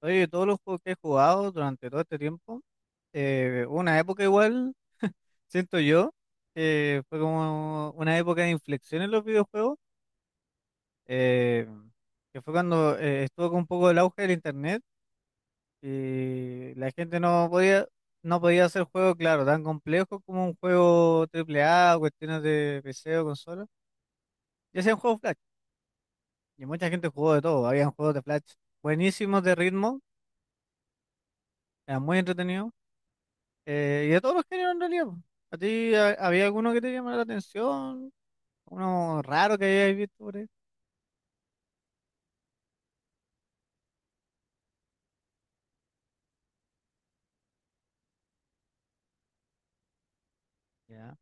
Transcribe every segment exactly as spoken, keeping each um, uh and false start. Oye, todos los juegos que he jugado durante todo este tiempo, eh, hubo una época igual, siento yo. Eh, fue como una época de inflexión en los videojuegos, eh, que fue cuando eh, estuvo con un poco el auge del internet y la gente no podía, no podía hacer juegos, claro, tan complejos como un juego triple A o cuestiones de P C o consola, y hacían juegos Flash, y mucha gente jugó de todo, habían juegos de Flash buenísimos de ritmo, eran muy entretenidos. Eh, y de todos los géneros en realidad, po. ¿A ti ha- había alguno que te llamara la atención? ¿Uno raro que hayáis visto por ahí? Ya.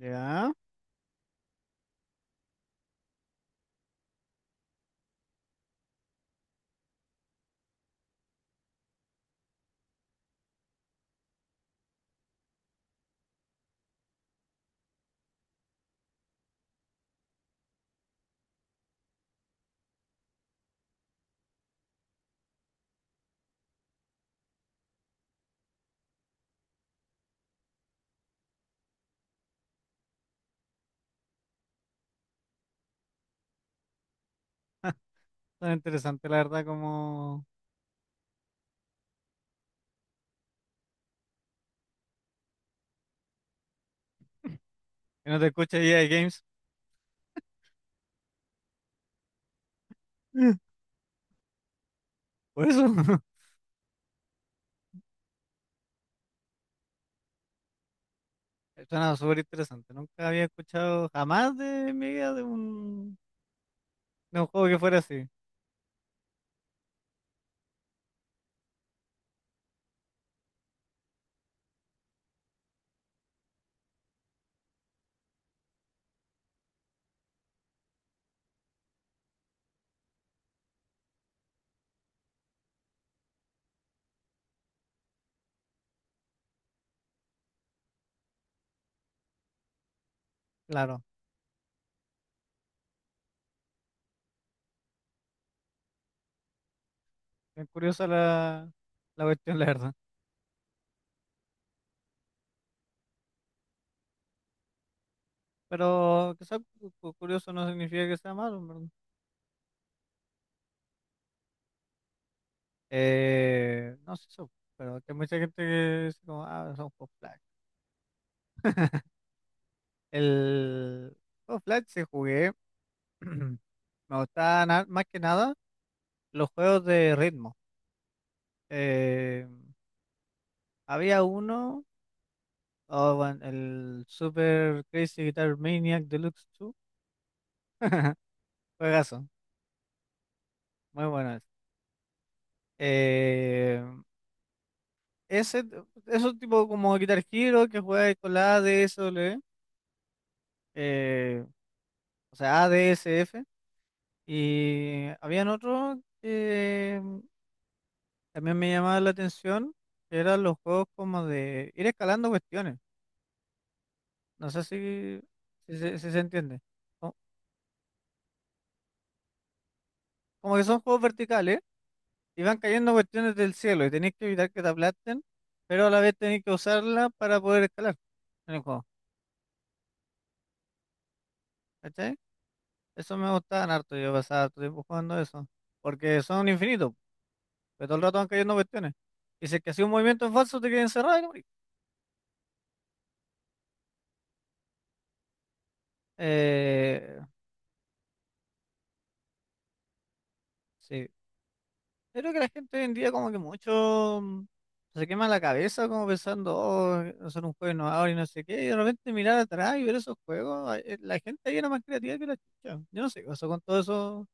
Ya. Suena interesante, la verdad, como que no te escucha E A Games. Por eso. Suena súper interesante. Nunca había escuchado jamás de mi vida de un, de un juego que fuera así. Claro. Es curiosa la, la cuestión, la verdad. Pero que sea cu- cu- curioso no significa que sea malo. Eh, no sé eso, pero que hay mucha gente que dice como, ah, son juegos Flash. El juego Flash sí jugué. Me gustaban a- más que nada los juegos de ritmo. Eh, Había uno, oh, bueno, el Super Crazy Guitar Maniac Deluxe dos. Juegazo, muy bueno ese. Eh, Ese, eso tipo como Guitar Hero que juega con la A D S L, eh, o sea, a d s f. Y habían otros que también me llamaban la atención, que eran los juegos como de ir escalando cuestiones. No sé si, si, se si se entiende. Co- Como que son juegos verticales y van cayendo cuestiones del cielo y tenéis que evitar que te aplasten, pero a la vez tenéis que usarla para poder escalar en el juego. ¿Cachai? Eso me gustaban harto, yo pasaba harto tiempo jugando eso. Porque son infinitos, pero todo el rato van cayendo cuestiones. Y si es que hacía un movimiento en falso, te quedas encerrado y no morís. Eh, sí. Creo que la gente hoy en día como que mucho mm, se quema la cabeza como pensando, oh, son un juego innovador y no sé qué, y de repente mirar atrás y ver esos juegos, ah, eh, la gente ahí era más creativa que la chucha. Yo no sé, o sea, con todo eso,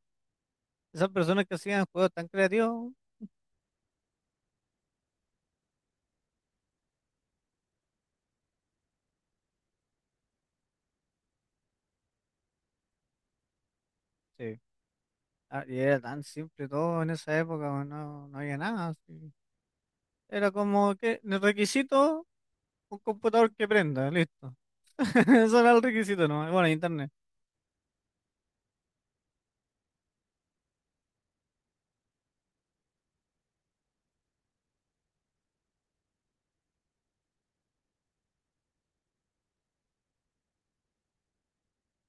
esas personas que hacían juegos tan creativos, sí, ah, y era tan simple todo en esa época, bueno, no, no había nada, así. Era como que el requisito, un computador que prenda, listo. Eso era el requisito, ¿no? Bueno, internet.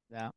Ya,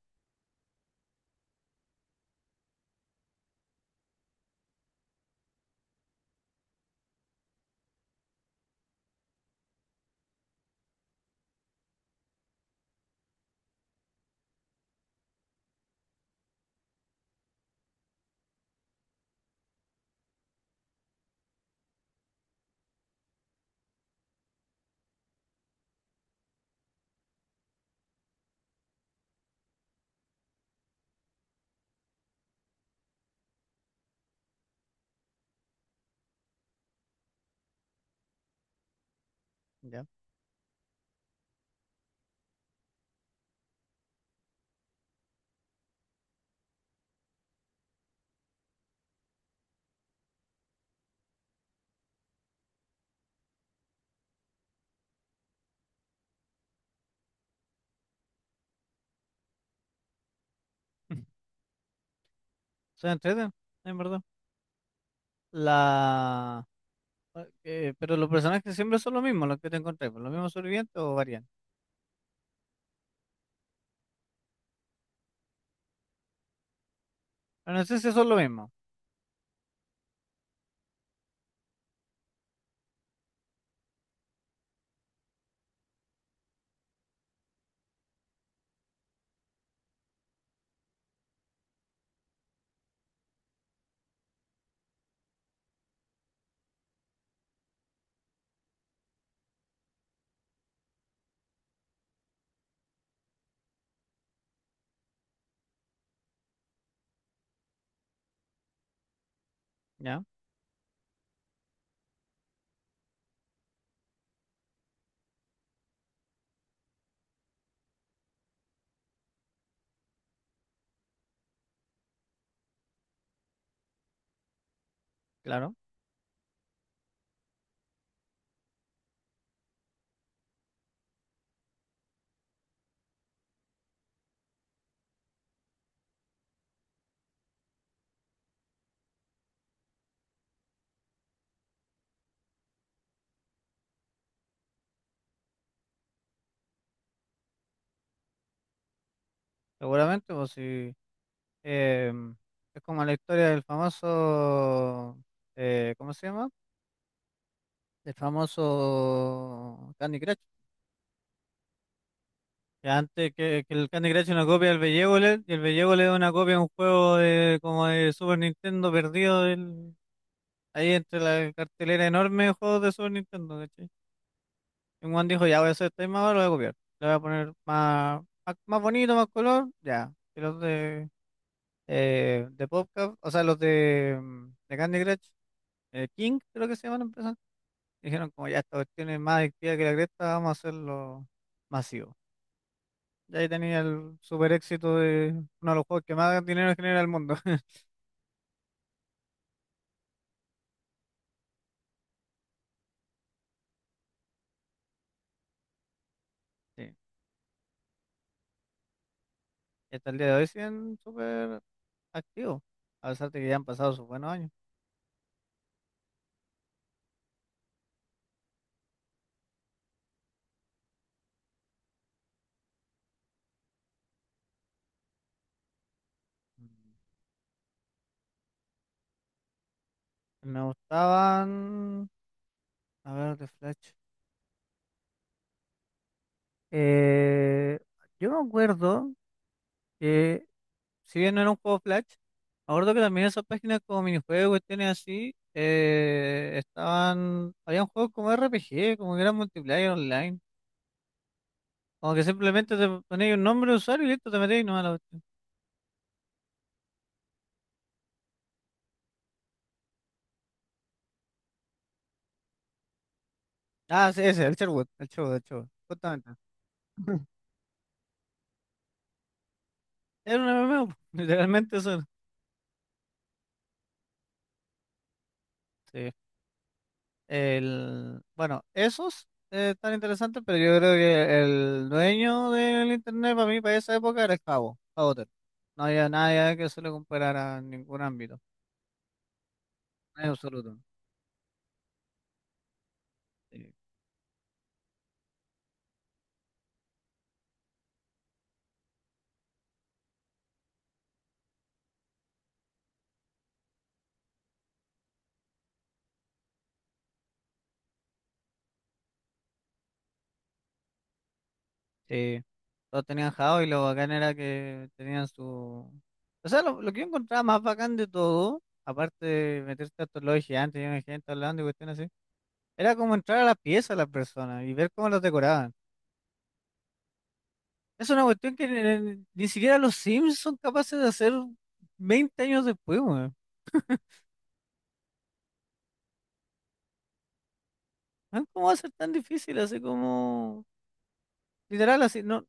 ya. Son entreten, en verdad. La. Ah, Eh, pero los personajes siempre son los mismos, los que te encontré, pues, los mismos sobrevivientes o varían. Pero no sé si son lo mismo. ¿Ya? Claro, seguramente, pues si em, es como la historia del famoso, eh, ¿cómo se llama? El famoso Candy Crush. Que antes que, que el Candy Crush es una copia del Bejeweled, y el Bejeweled es una copia de un juego de, como de Super Nintendo perdido del, ahí entre la cartelera enorme de juegos de Super Nintendo, ¿cachai? Y Juan dijo, ya voy a hacer tema ahora, lo voy a copiar. Le voy a poner más, más, más bonito, más color, ya. Y los de, eh, de PopCap, o sea, los de, mm, de Candy Crush, eh, King, creo que se llaman la empresa. Dijeron, como ya esta cuestión es más adictiva que la cresta, vamos a hacerlo masivo. Y ahí tenía el super éxito de uno de los juegos que más dinero genera el mundo. Sí. Y hasta el día de hoy siguen súper activos, a pesar de que ya han pasado sus buenos años. Mm. Me gustaban, a ver, de Flash. Eh, yo me acuerdo que, si bien no era un juego Flash, me acuerdo que también esas páginas como minijuegos, tienen así, eh, estaban, habían juegos como R P G, como que eran multiplayer online, como que simplemente te ponías un nombre de usuario y listo, te metías y no a la cuestión. Ah, sí, ese, el Sherwood, el Sherwood, el Sherwood, justamente. Era un M M O. Literalmente eso era. Sí. El, bueno, esos eh, están interesantes, pero yo creo que el dueño del internet para mí, para esa época, era el Javo, Javo. No había nadie que se le comparara en ningún ámbito, en absoluto. Sí, sí, todos tenían Javo y lo bacán era que tenían su... O sea, lo, lo que yo encontraba más bacán de todo, aparte de meterte a estos lobbies gigantes, y gente hablando y cuestiones así, era como entrar a la pieza de las personas y ver cómo los decoraban. Es una cuestión que ni, ni siquiera los Sims son capaces de hacer veinte años después, weón. Ah, ¿cómo va a ser tan difícil? Así como, literal, así, no.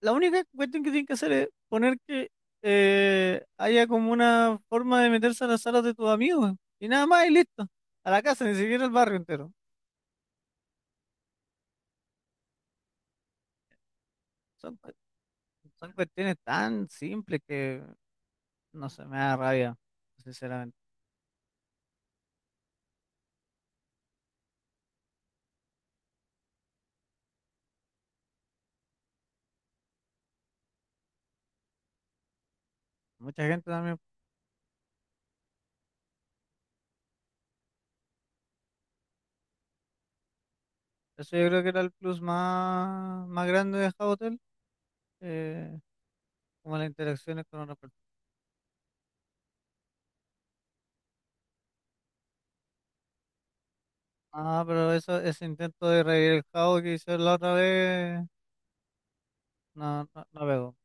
La única cuestión que tienen que hacer es poner que eh, haya como una forma de meterse a las salas de tus amigos, y nada más, y listo. A la casa, ni siquiera al barrio entero. Son, cu- son cuestiones tan simples que, no sé, me da rabia, sinceramente. Mucha gente también, eso yo creo que era el plus más, más grande de Hotel, eh, como las interacciones con otra persona. Ah, pero eso, ese intento de revivir el jao que hizo la otra vez, no, no, no pegó.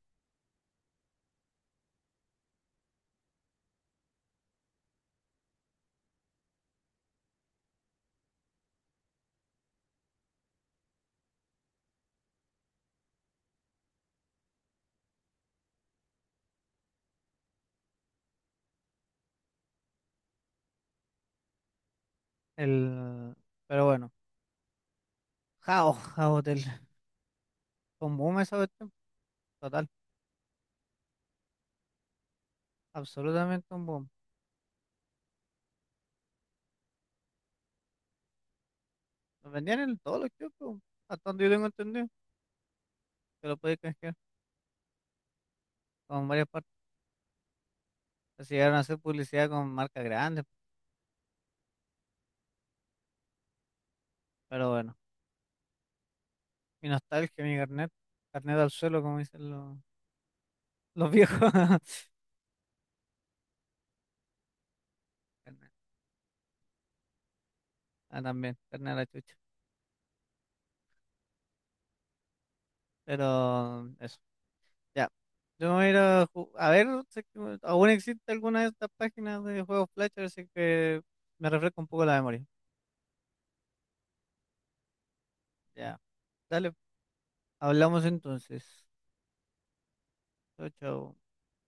El, pero bueno, jao, jao del, un boom esa cuestión, total, absolutamente un boom. Lo vendían en todos los kioscos, hasta donde yo tengo entendido, que lo podéis canjear con varias partes. Así llegaron a hacer publicidad con marcas grandes, pero bueno, mi nostalgia, mi carnet, carnet al suelo, como dicen los, los viejos. Carnet. Ah, también, carnet a la chucha. Pero eso. Ya. Yo voy a ir a, ju- a ver si es que aún existe alguna de estas páginas de juegos Flash, así que me refresco un poco la memoria. Ya. Dale, hablamos entonces. Chao, chao.